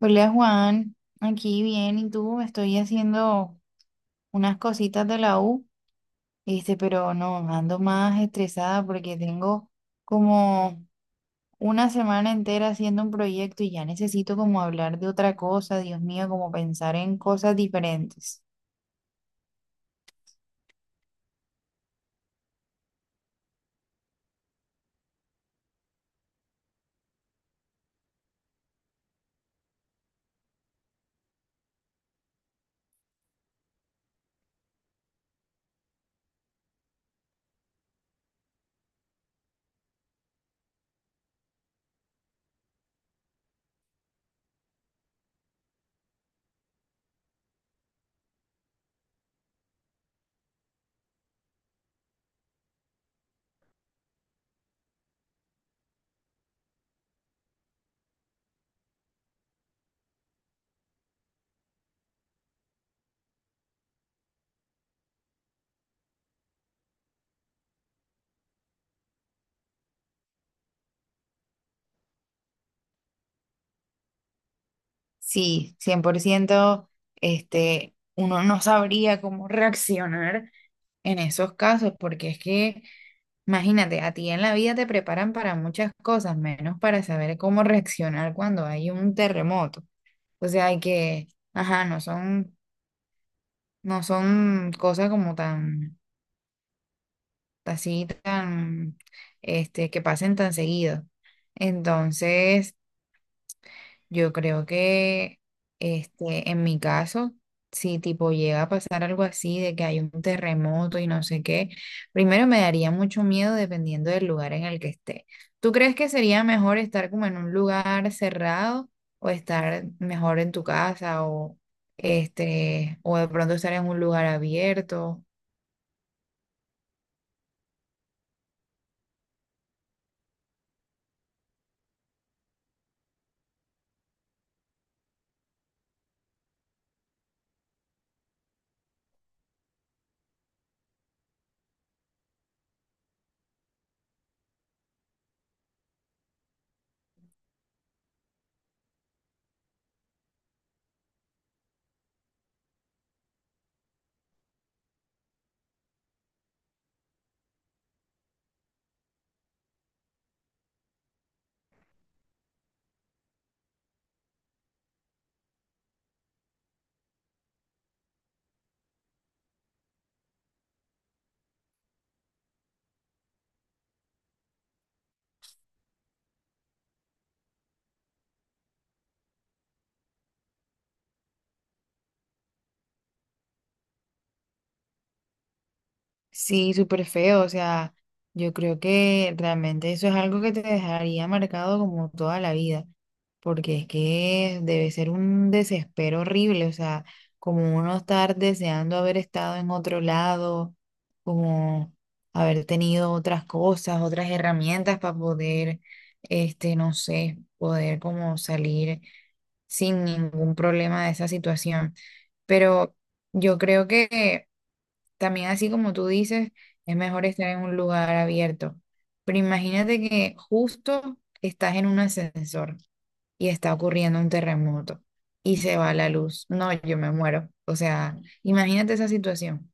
Hola Juan, aquí bien, ¿y tú? Estoy haciendo unas cositas de la U, pero no, ando más estresada porque tengo como una semana entera haciendo un proyecto y ya necesito como hablar de otra cosa, Dios mío, como pensar en cosas diferentes. Sí, 100% uno no sabría cómo reaccionar en esos casos, porque es que, imagínate, a ti en la vida te preparan para muchas cosas, menos para saber cómo reaccionar cuando hay un terremoto. O sea, hay que, ajá, no son cosas como tan, así, tan, que pasen tan seguido. Entonces, yo creo que en mi caso, si tipo llega a pasar algo así de que hay un terremoto y no sé qué, primero me daría mucho miedo dependiendo del lugar en el que esté. ¿Tú crees que sería mejor estar como en un lugar cerrado o estar mejor en tu casa o de pronto estar en un lugar abierto? Sí, súper feo, o sea, yo creo que realmente eso es algo que te dejaría marcado como toda la vida, porque es que debe ser un desespero horrible, o sea, como uno estar deseando haber estado en otro lado, como haber tenido otras cosas, otras herramientas para poder, no sé, poder como salir sin ningún problema de esa situación, pero yo creo que también así como tú dices, es mejor estar en un lugar abierto. Pero imagínate que justo estás en un ascensor y está ocurriendo un terremoto y se va la luz. No, yo me muero. O sea, imagínate esa situación.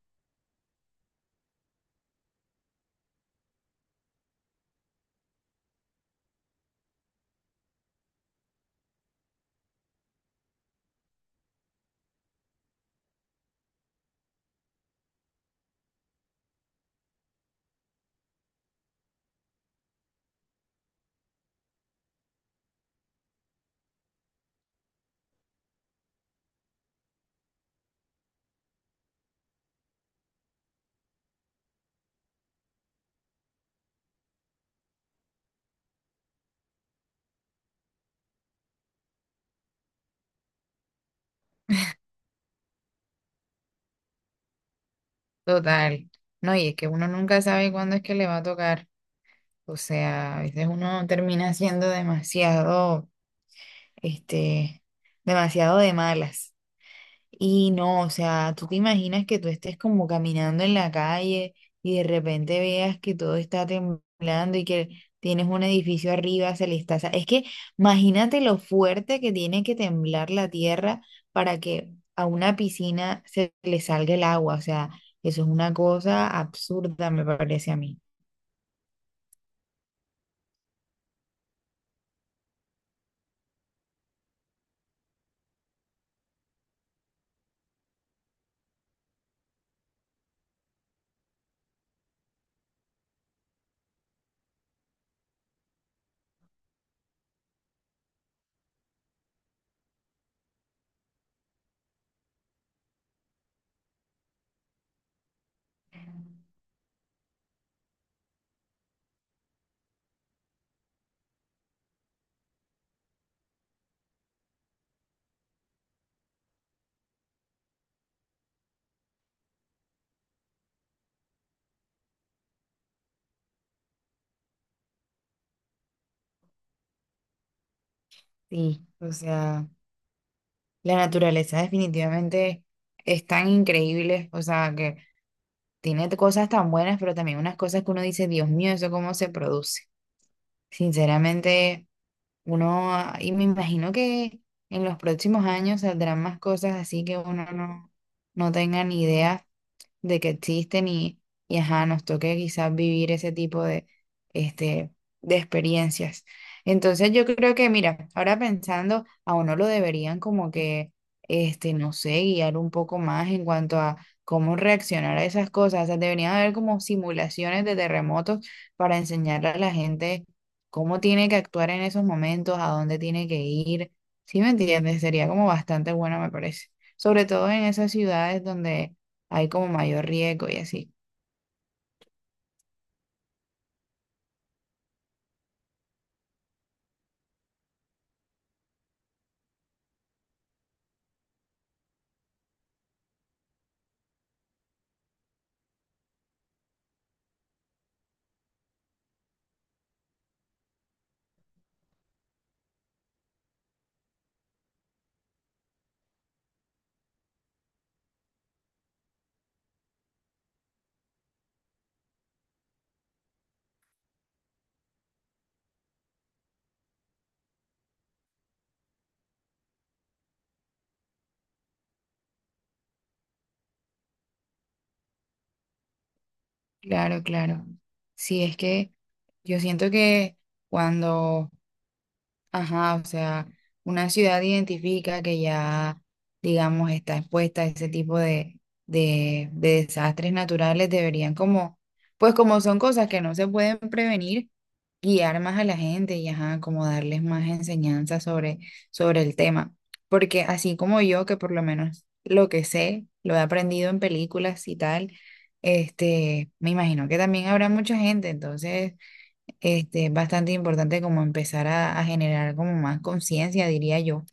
Total. No, y es que uno nunca sabe cuándo es que le va a tocar. O sea, a veces uno termina siendo demasiado, este, demasiado de malas. Y no, o sea, tú te imaginas que tú estés como caminando en la calle y de repente veas que todo está temblando y que tienes un edificio arriba, se le está... sa- es que imagínate lo fuerte que tiene que temblar la tierra para que a una piscina se le salga el agua. O sea, eso es una cosa absurda, me parece a mí. Sí, o sea, la naturaleza definitivamente es tan increíble, o sea, que... Tiene cosas tan buenas, pero también unas cosas que uno dice, Dios mío, ¿eso cómo se produce? Sinceramente, uno, y me imagino que en los próximos años saldrán más cosas así que uno no tenga ni idea de que existen y ajá, nos toque quizás vivir ese tipo de, este, de experiencias. Entonces yo creo que, mira, ahora pensando, a uno lo deberían como que, no sé, guiar un poco más en cuanto a cómo reaccionar a esas cosas. O sea, deberían haber como simulaciones de terremotos para enseñarle a la gente cómo tiene que actuar en esos momentos, a dónde tiene que ir. ¿Sí me entiendes? Sería como bastante bueno, me parece. Sobre todo en esas ciudades donde hay como mayor riesgo y así. Claro, claro. Sí, es que yo siento que cuando ajá, o sea, una ciudad identifica que ya, digamos, está expuesta a ese tipo de, de desastres naturales, deberían como, pues como son cosas que no se pueden prevenir, guiar más a la gente y ajá, como darles más enseñanza sobre, sobre el tema. Porque así como yo, que por lo menos lo que sé, lo he aprendido en películas y tal, me imagino que también habrá mucha gente, entonces es bastante importante como empezar a generar como más conciencia, diría yo.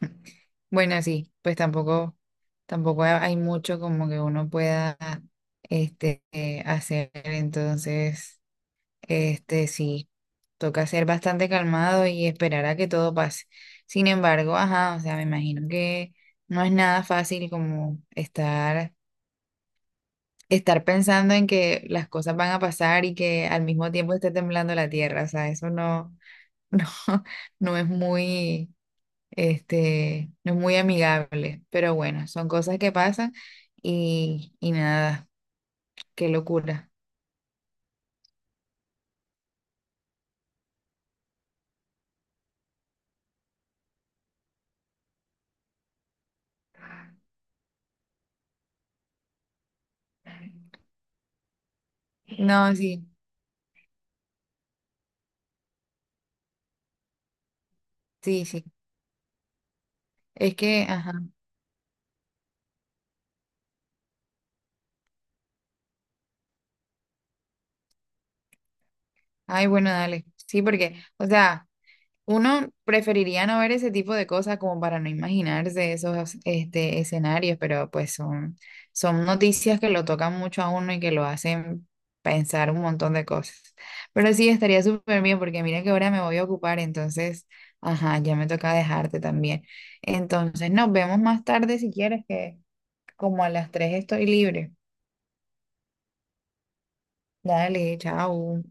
Bueno, sí, pues tampoco, tampoco ha- hay mucho como que uno pueda hacer, entonces, sí, toca ser bastante calmado y esperar a que todo pase. Sin embargo, ajá, o sea, me imagino que no es nada fácil como estar pensando en que las cosas van a pasar y que al mismo tiempo esté temblando la tierra, o sea, eso no. No, no es muy, no es muy amigable, pero bueno, son cosas que pasan y nada, qué locura. No, sí, sí, sí, es que, ajá, ay, bueno, dale, sí, porque, o sea... Uno preferiría no ver ese tipo de cosas como para no imaginarse esos escenarios, pero pues son noticias que lo tocan mucho a uno y que lo hacen pensar un montón de cosas. Pero sí, estaría súper bien porque mira que ahora me voy a ocupar, entonces, ajá, ya me toca dejarte también. Entonces, nos vemos más tarde si quieres, que como a las 3 estoy libre. Dale, chao.